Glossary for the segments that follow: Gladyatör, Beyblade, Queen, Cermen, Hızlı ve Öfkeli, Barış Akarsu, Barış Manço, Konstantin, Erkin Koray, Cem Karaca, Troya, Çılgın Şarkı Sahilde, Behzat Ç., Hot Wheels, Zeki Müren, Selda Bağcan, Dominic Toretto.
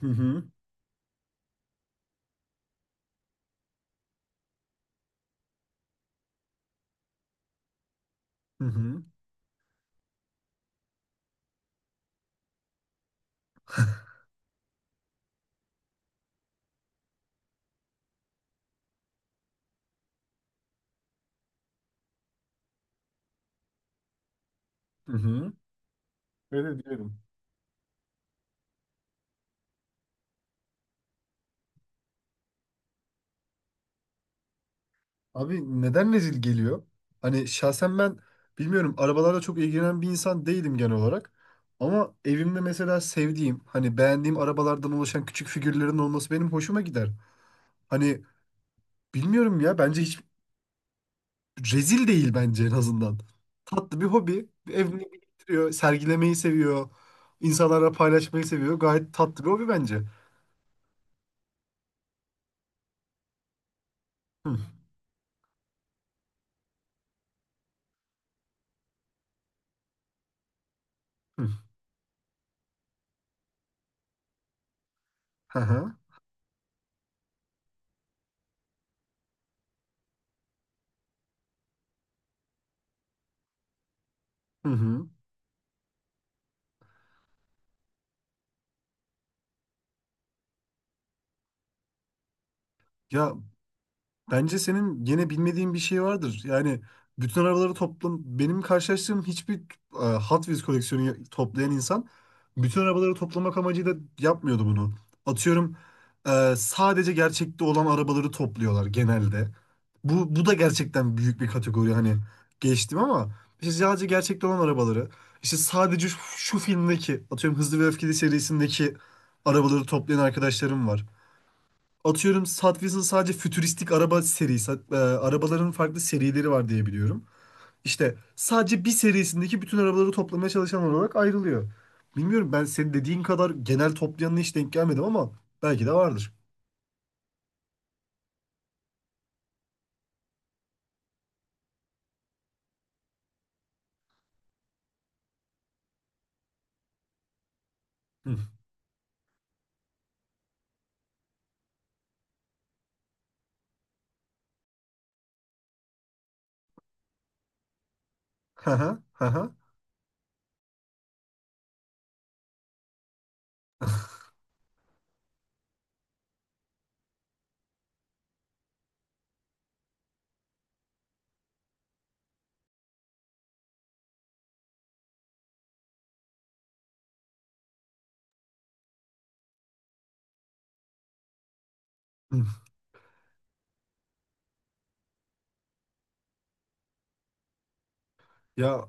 Hı hı. Hı hı. Hı hı. Öyle diyelim. Abi, neden rezil geliyor? Hani şahsen ben bilmiyorum, arabalarla çok ilgilenen bir insan değilim genel olarak. Ama evimde mesela sevdiğim, hani beğendiğim arabalardan oluşan küçük figürlerin olması benim hoşuma gider. Hani bilmiyorum ya, bence hiç rezil değil bence, en azından. Tatlı bir hobi. Evini biriktiriyor, sergilemeyi seviyor. İnsanlara paylaşmayı seviyor. Gayet tatlı bir hobi bence. Hı hı. Hı hı. Hı hı. Ya, bence senin gene bilmediğin bir şey vardır. Yani bütün arabaları toplam, benim karşılaştığım hiçbir Hot Wheels koleksiyonu toplayan insan bütün arabaları toplamak amacıyla yapmıyordu bunu. Atıyorum, sadece gerçekte olan arabaları topluyorlar genelde. Bu da gerçekten büyük bir kategori hani, geçtim ama işte sadece gerçekte olan arabaları, işte sadece şu filmdeki, atıyorum, Hızlı ve Öfkeli serisindeki arabaları toplayan arkadaşlarım var. Atıyorum, Hot Wheels'ın sadece fütüristik araba serisi, arabaların farklı serileri var diye biliyorum. İşte sadece bir serisindeki bütün arabaları toplamaya çalışan olarak ayrılıyor. Bilmiyorum, ben senin dediğin kadar genel toplayanına hiç denk gelmedim ama belki de vardır. Hı. Hı hı, hı hı. Hı. Ya,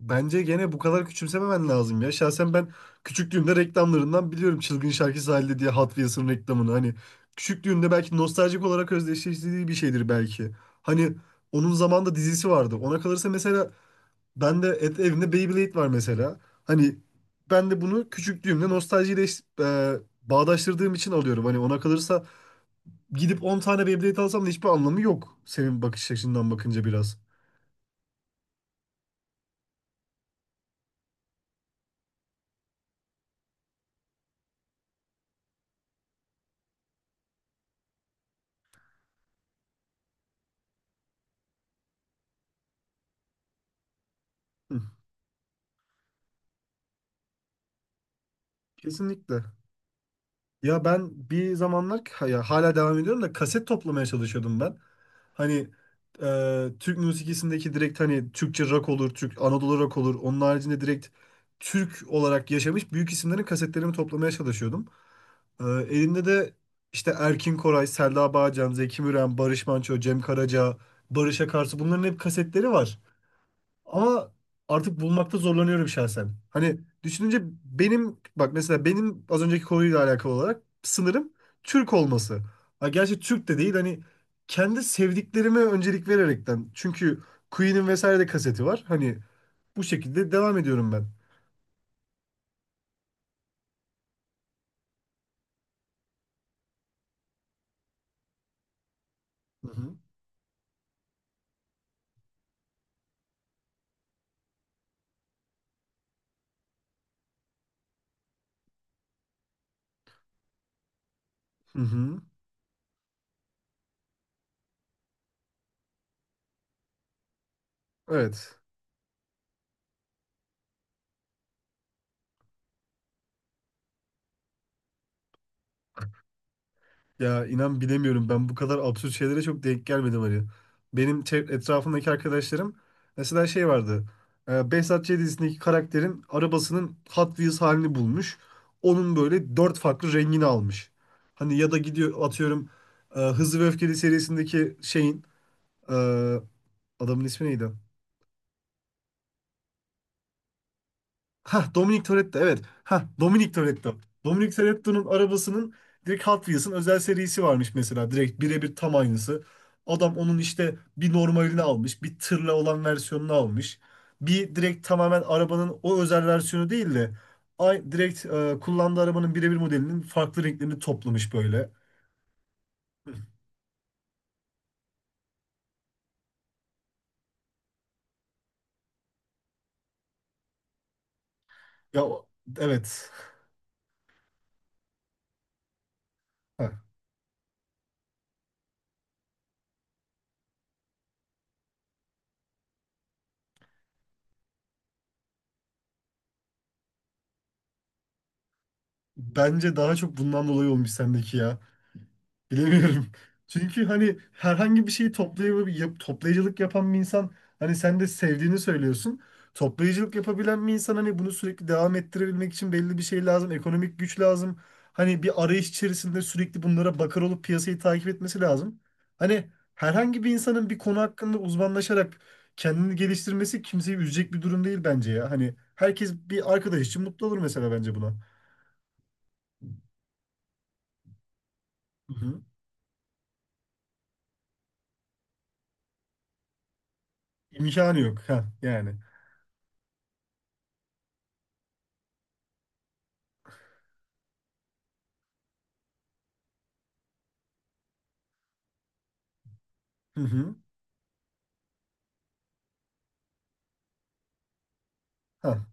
bence gene bu kadar küçümsememen lazım ya. Şahsen ben küçüklüğümde reklamlarından biliyorum, Çılgın Şarkı Sahilde diye, Hot Wheels'ın reklamını. Hani küçüklüğümde belki nostaljik olarak özdeşleştirdiği bir şeydir belki. Hani onun zamanında dizisi vardı. Ona kalırsa mesela ben de evimde Beyblade var mesela. Hani ben de bunu küçüklüğümde nostaljiyle bağdaştırdığım için alıyorum. Hani ona kalırsa gidip 10 tane Beyblade alsam da hiçbir anlamı yok. Senin bakış açından bakınca biraz. Hı, kesinlikle. Ya ben bir zamanlar, ya hala devam ediyorum da, kaset toplamaya çalışıyordum ben. Hani Türk müzikisindeki, direkt hani Türkçe rock olur, Türk Anadolu rock olur. Onun haricinde direkt Türk olarak yaşamış büyük isimlerin kasetlerini toplamaya çalışıyordum. Elimde de işte Erkin Koray, Selda Bağcan, Zeki Müren, Barış Manço, Cem Karaca, Barış Akarsu, bunların hep kasetleri var. Ama artık bulmakta zorlanıyorum şahsen. Hani düşününce benim, bak mesela, benim az önceki konuyla alakalı olarak sınırım Türk olması. Ha, gerçi Türk de değil hani, kendi sevdiklerime öncelik vererekten. Çünkü Queen'in vesaire de kaseti var. Hani bu şekilde devam ediyorum ben. Hı hı. Hı hı. Evet. Ya inan bilemiyorum, ben bu kadar absürt şeylere çok denk gelmedim hani. Benim etrafımdaki arkadaşlarım, mesela şey vardı. Behzat Ç. dizisindeki karakterin arabasının Hot Wheels halini bulmuş. Onun böyle dört farklı rengini almış. Hani ya da gidiyor atıyorum, Hızlı ve Öfkeli serisindeki şeyin, e, adamın ismi neydi? Ha, Dominic Toretto, evet. Ha, Dominic Toretto. Dominic Toretto'nun arabasının direkt Hot Wheels'ın özel serisi varmış mesela. Direkt birebir tam aynısı. Adam onun işte bir normalini almış, bir tırla olan versiyonunu almış. Bir direkt tamamen arabanın o özel versiyonu değil de, ay direkt kullandığı arabanın birebir modelinin farklı renklerini toplamış böyle. Ya evet. Ha. Bence daha çok bundan dolayı olmuş sendeki ya. Bilemiyorum. Çünkü hani herhangi bir şeyi toplayıp, toplayıcılık yapan bir insan, hani sen de sevdiğini söylüyorsun. Toplayıcılık yapabilen bir insan, hani bunu sürekli devam ettirebilmek için belli bir şey lazım. Ekonomik güç lazım. Hani bir arayış içerisinde sürekli bunlara bakar olup piyasayı takip etmesi lazım. Hani herhangi bir insanın bir konu hakkında uzmanlaşarak kendini geliştirmesi kimseyi üzecek bir durum değil bence ya. Hani herkes bir arkadaş için mutlu olur mesela, bence buna. Hı hı. İmkanı yok. Ha yani. Hı hı. Ha.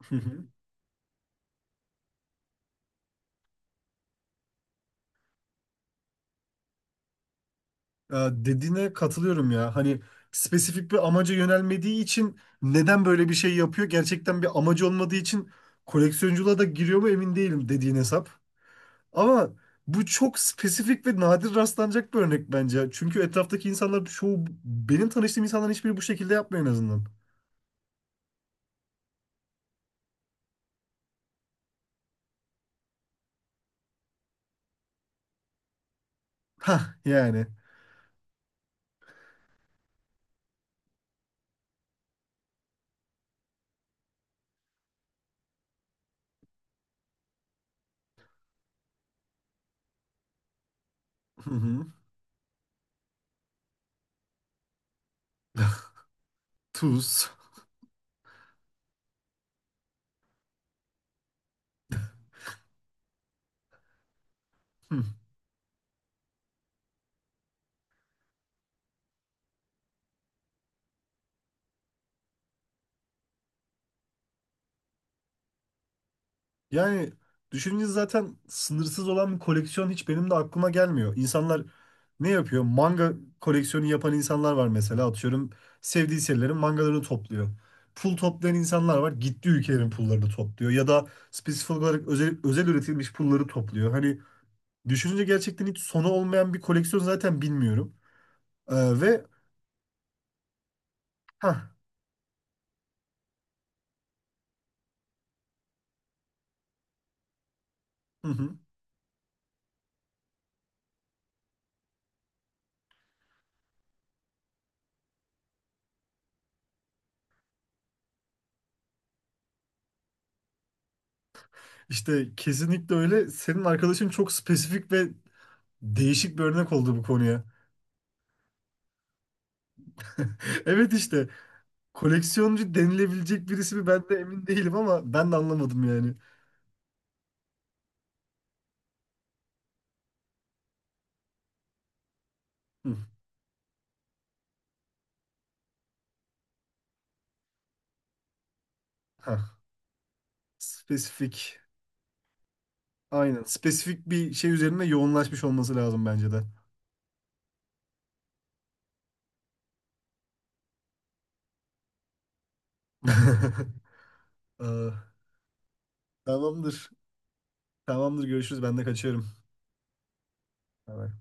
Ya dediğine katılıyorum ya. Hani spesifik bir amaca yönelmediği için neden böyle bir şey yapıyor? Gerçekten bir amacı olmadığı için koleksiyonculuğa da giriyor mu emin değilim, dediğin hesap. Ama bu çok spesifik ve nadir rastlanacak bir örnek bence. Çünkü etraftaki insanlar çoğu, benim tanıştığım insanların hiçbiri bu şekilde yapmıyor en azından. Ha yani. Hı hı. Tuz. Yani düşününce zaten sınırsız olan bir koleksiyon hiç benim de aklıma gelmiyor. İnsanlar ne yapıyor? Manga koleksiyonu yapan insanlar var mesela. Atıyorum, sevdiği serilerin mangalarını topluyor. Pul toplayan insanlar var. Gittiği ülkelerin pullarını topluyor. Ya da spesifik olarak özel, özel üretilmiş pulları topluyor. Hani düşününce gerçekten hiç sonu olmayan bir koleksiyon zaten, bilmiyorum. Ve ha, hı hı. işte kesinlikle öyle. Senin arkadaşın çok spesifik ve değişik bir örnek oldu bu konuya. Evet işte. Koleksiyoncu denilebilecek birisi mi, ben de emin değilim, ama ben de anlamadım yani. Hı. Hah. Spesifik. Aynen. Spesifik bir şey üzerine yoğunlaşmış olması lazım bence de. Aa, tamamdır. Tamamdır. Görüşürüz. Ben de kaçıyorum. Bay bay.